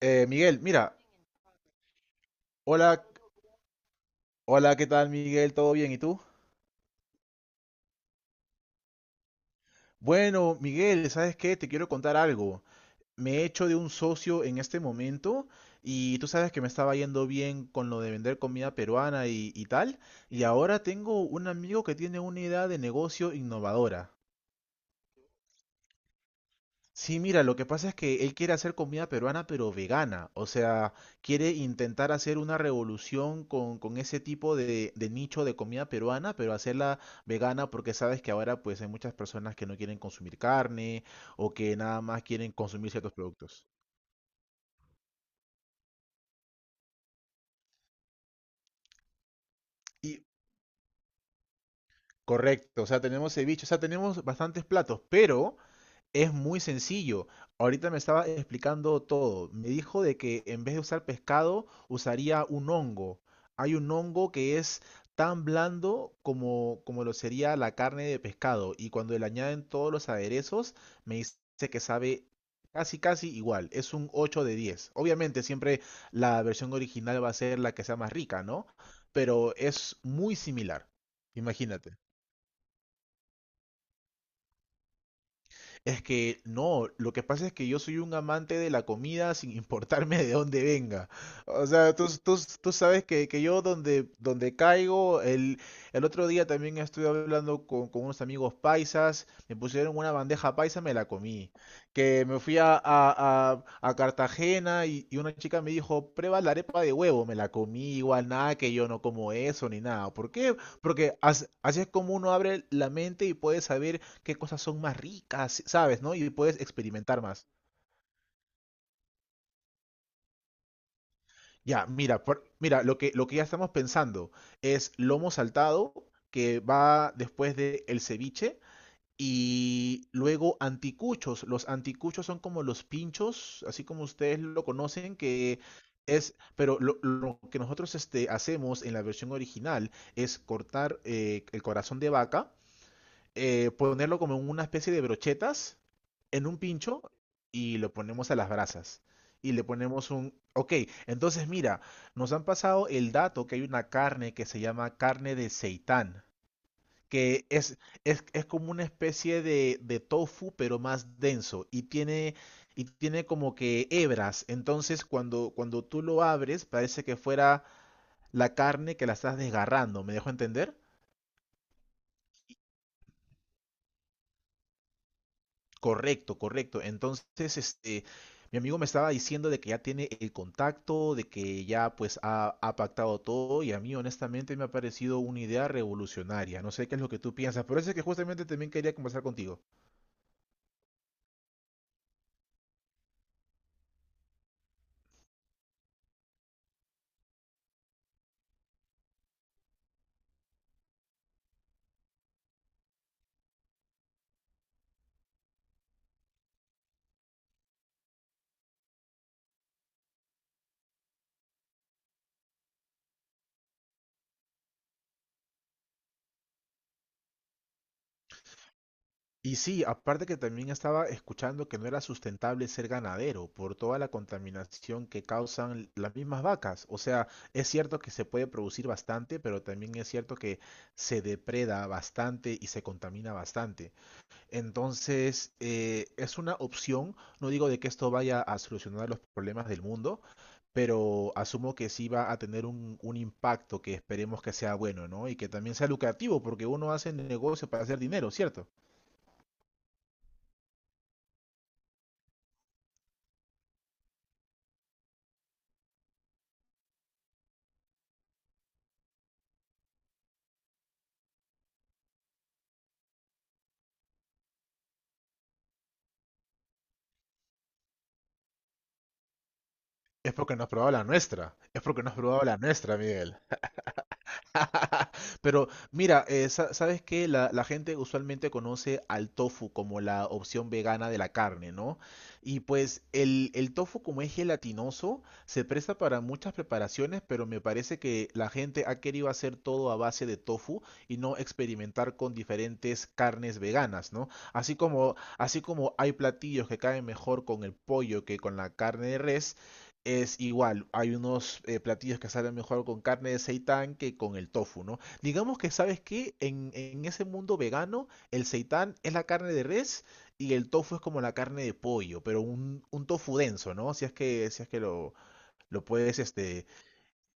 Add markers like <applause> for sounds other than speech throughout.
Mira, hola, hola, ¿qué tal, Miguel? ¿Todo bien? ¿Y tú? Bueno, Miguel, ¿sabes qué? Te quiero contar algo. Me he hecho de un socio en este momento y tú sabes que me estaba yendo bien con lo de vender comida peruana y tal. Y ahora tengo un amigo que tiene una idea de negocio innovadora. Sí, mira, lo que pasa es que él quiere hacer comida peruana, pero vegana. O sea, quiere intentar hacer una revolución con ese tipo de nicho de comida peruana, pero hacerla vegana porque sabes que ahora pues hay muchas personas que no quieren consumir carne o que nada más quieren consumir ciertos productos. Y correcto, o sea, tenemos ceviche, o sea, tenemos bastantes platos, pero es muy sencillo. Ahorita me estaba explicando todo. Me dijo de que en vez de usar pescado, usaría un hongo. Hay un hongo que es tan blando como lo sería la carne de pescado. Y cuando le añaden todos los aderezos, me dice que sabe casi, casi igual. Es un 8 de 10. Obviamente, siempre la versión original va a ser la que sea más rica, ¿no? Pero es muy similar. Imagínate. Es que no, lo que pasa es que yo soy un amante de la comida sin <laughs> importarme de dónde venga. O sea, tú sabes que yo donde caigo, el otro día también estuve hablando con unos amigos paisas, me pusieron una bandeja paisa, me la comí. Que me fui a, a Cartagena y una chica me dijo, prueba la arepa de huevo, me la comí igual, nada que yo no como eso ni nada. ¿Por qué? Porque así es como uno abre la mente y puede saber qué cosas son más ricas, ¿sabes? ¿No? Y puedes experimentar más. Ya, mira, mira, lo que ya estamos pensando es lomo saltado, que va después de el ceviche, y luego anticuchos. Los anticuchos son como los pinchos, así como ustedes lo conocen, que es, pero lo que nosotros este, hacemos en la versión original es cortar el corazón de vaca, ponerlo como en una especie de brochetas, en un pincho, y lo ponemos a las brasas. Y le ponemos un... Ok, entonces mira, nos han pasado el dato que hay una carne que se llama carne de seitán, que es, es como una especie de tofu, pero más denso, y tiene como que hebras. Entonces cuando tú lo abres, parece que fuera la carne que la estás desgarrando, ¿me dejo entender? Correcto, correcto. Entonces, este, mi amigo me estaba diciendo de que ya tiene el contacto, de que ya pues ha pactado todo y a mí honestamente me ha parecido una idea revolucionario. No sé qué es lo que tú piensas, pero eso es que justamente también quería conversar contigo. Y sí, aparte que también estaba escuchando que no era sustentable ser ganadero por toda la contaminación que causan las mismas vacas. O sea, es cierto que se puede producir bastante, pero también es cierto que se depreda bastante y se contamina bastante. Entonces, es una opción. No digo de que esto vaya a solucionar los problemas del mundo, pero asumo que sí va a tener un impacto que esperemos que sea bueno, ¿no? Y que también sea lucrativo, porque uno hace negocio para hacer dinero, ¿cierto? Es porque no has probado la nuestra. Es porque no has probado la nuestra, Miguel. <laughs> Pero mira, sabes que la gente usualmente conoce al tofu como la opción vegana de la carne, ¿no? Y pues el tofu como es gelatinoso, se presta para muchas preparaciones, pero me parece que la gente ha querido hacer todo a base de tofu y no experimentar con diferentes carnes veganas, ¿no? Así como hay platillos que caen mejor con el pollo que con la carne de res, es igual. Hay unos platillos que salen mejor con carne de seitán que con el tofu, ¿no? Digamos que, ¿sabes qué? En ese mundo vegano, el seitán es la carne de res y el tofu es como la carne de pollo, pero un tofu denso, ¿no? Si es que lo puedes este,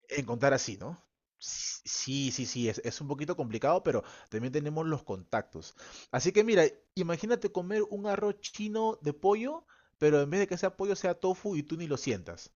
encontrar así, ¿no? Sí, sí, sí, es un poquito complicado, pero también tenemos los contactos. Así que mira, imagínate comer un arroz chino de pollo, pero en vez de que sea pollo sea tofu y tú ni lo sientas.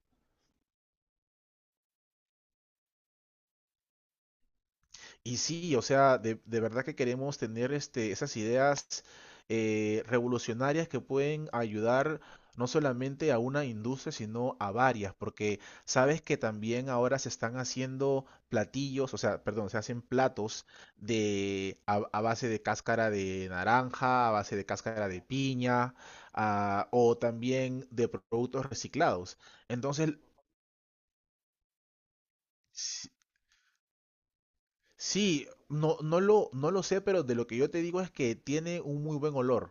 Y sí, o sea, de verdad que queremos tener este, esas ideas revolucionarias que pueden ayudar no solamente a una industria, sino a varias, porque sabes que también ahora se están haciendo platillos, o sea, perdón, se hacen platos de a base de cáscara de naranja, a base de cáscara de piña, ah, o también de productos reciclados. Entonces, sí, no, no lo sé, pero de lo que yo te digo es que tiene un muy buen olor.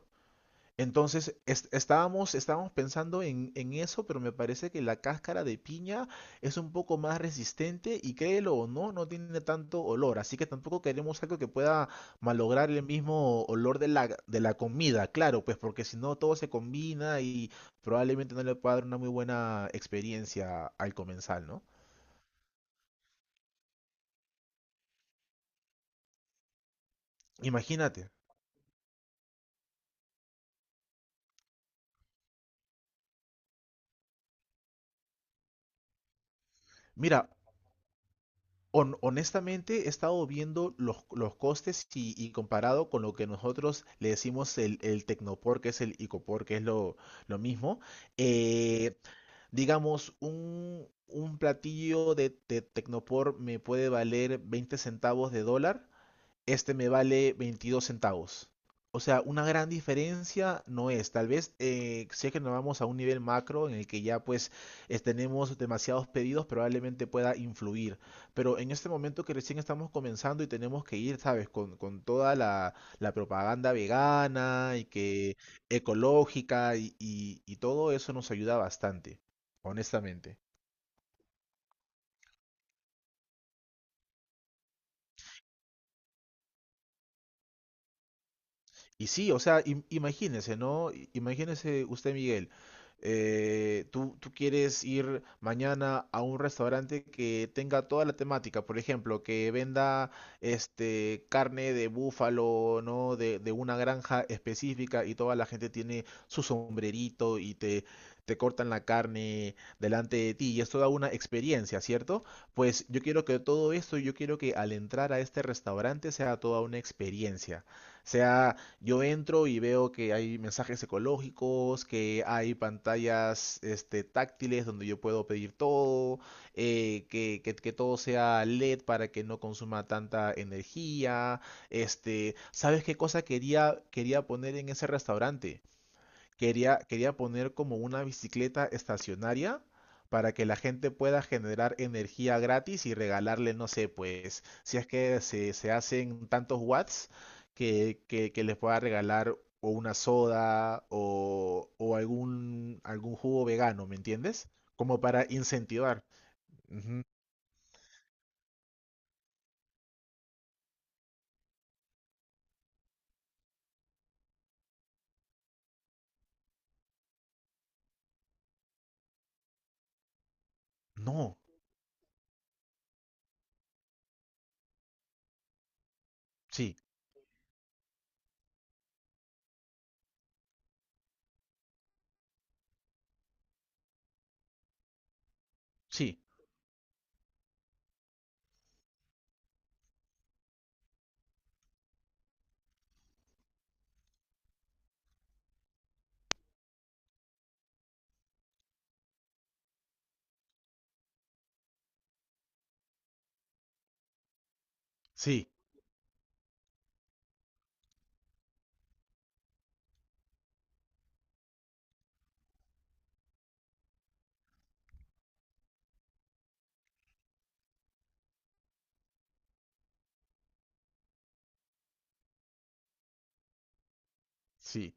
Entonces, estábamos pensando en eso, pero me parece que la cáscara de piña es un poco más resistente y créelo o no, no tiene tanto olor. Así que tampoco queremos algo que pueda malograr el mismo olor de de la comida, claro, pues porque si no todo se combina y probablemente no le pueda dar una muy buena experiencia al comensal, ¿no? Imagínate. Mira, honestamente, he estado viendo los costes y comparado con lo que nosotros le decimos el Tecnopor, que es el Icopor, que es lo mismo. Eh, digamos, un platillo de Tecnopor me puede valer 20 centavos de dólar, este me vale 22 centavos. O sea, una gran diferencia no es. Tal vez, si es que nos vamos a un nivel macro en el que ya pues tenemos demasiados pedidos, probablemente pueda influir. Pero en este momento que recién estamos comenzando y tenemos que ir, ¿sabes? Con toda la propaganda vegana y que ecológica y todo eso nos ayuda bastante, honestamente. Y sí, o sea, imagínese, ¿no? Imagínese usted, Miguel, tú quieres ir mañana a un restaurante que tenga toda la temática, por ejemplo, que venda este carne de búfalo, ¿no? De una granja específica y toda la gente tiene su sombrerito y te cortan la carne delante de ti y es toda una experiencia, ¿cierto? Pues yo quiero que todo esto, yo quiero que al entrar a este restaurante sea toda una experiencia, sea yo entro y veo que hay mensajes ecológicos, que hay pantallas este, táctiles donde yo puedo pedir todo, que todo sea LED para que no consuma tanta energía. Este, ¿sabes qué cosa quería poner en ese restaurante? Quería poner como una bicicleta estacionaria para que la gente pueda generar energía gratis y regalarle, no sé, pues, si es que se hacen tantos watts, que les pueda regalar o una soda o algún, algún jugo vegano, ¿me entiendes? Como para incentivar. Ujú. No, sí, sí, sí, sí.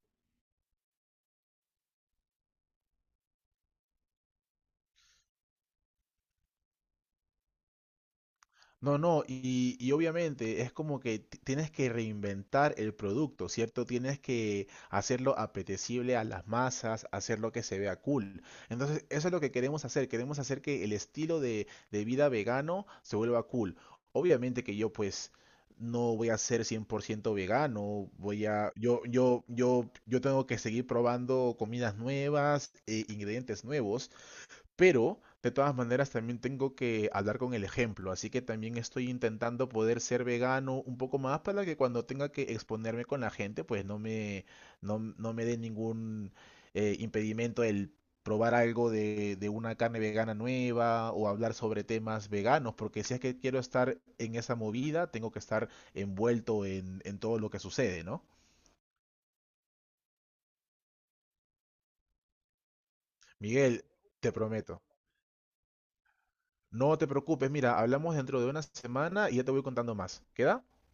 No, no, y obviamente es como que tienes que reinventar el producto, ¿cierto? Tienes que hacerlo apetecible a las masas, hacerlo que se vea cool. Entonces, eso es lo que queremos hacer. Queremos hacer que el estilo de vida vegano se vuelva cool. Obviamente que yo pues no voy a ser 100 por ciento vegano, voy a, yo tengo que seguir probando comidas nuevas, ingredientes nuevos. Pero de todas maneras también tengo que hablar con el ejemplo, así que también estoy intentando poder ser vegano un poco más para que cuando tenga que exponerme con la gente, pues no me, no, no me dé ningún impedimento el probar algo de una carne vegana nueva o hablar sobre temas veganos, porque si es que quiero estar en esa movida, tengo que estar envuelto en todo lo que sucede, ¿no? Miguel, te prometo. No te preocupes, mira, hablamos dentro de una semana y ya te voy contando más. ¿Queda?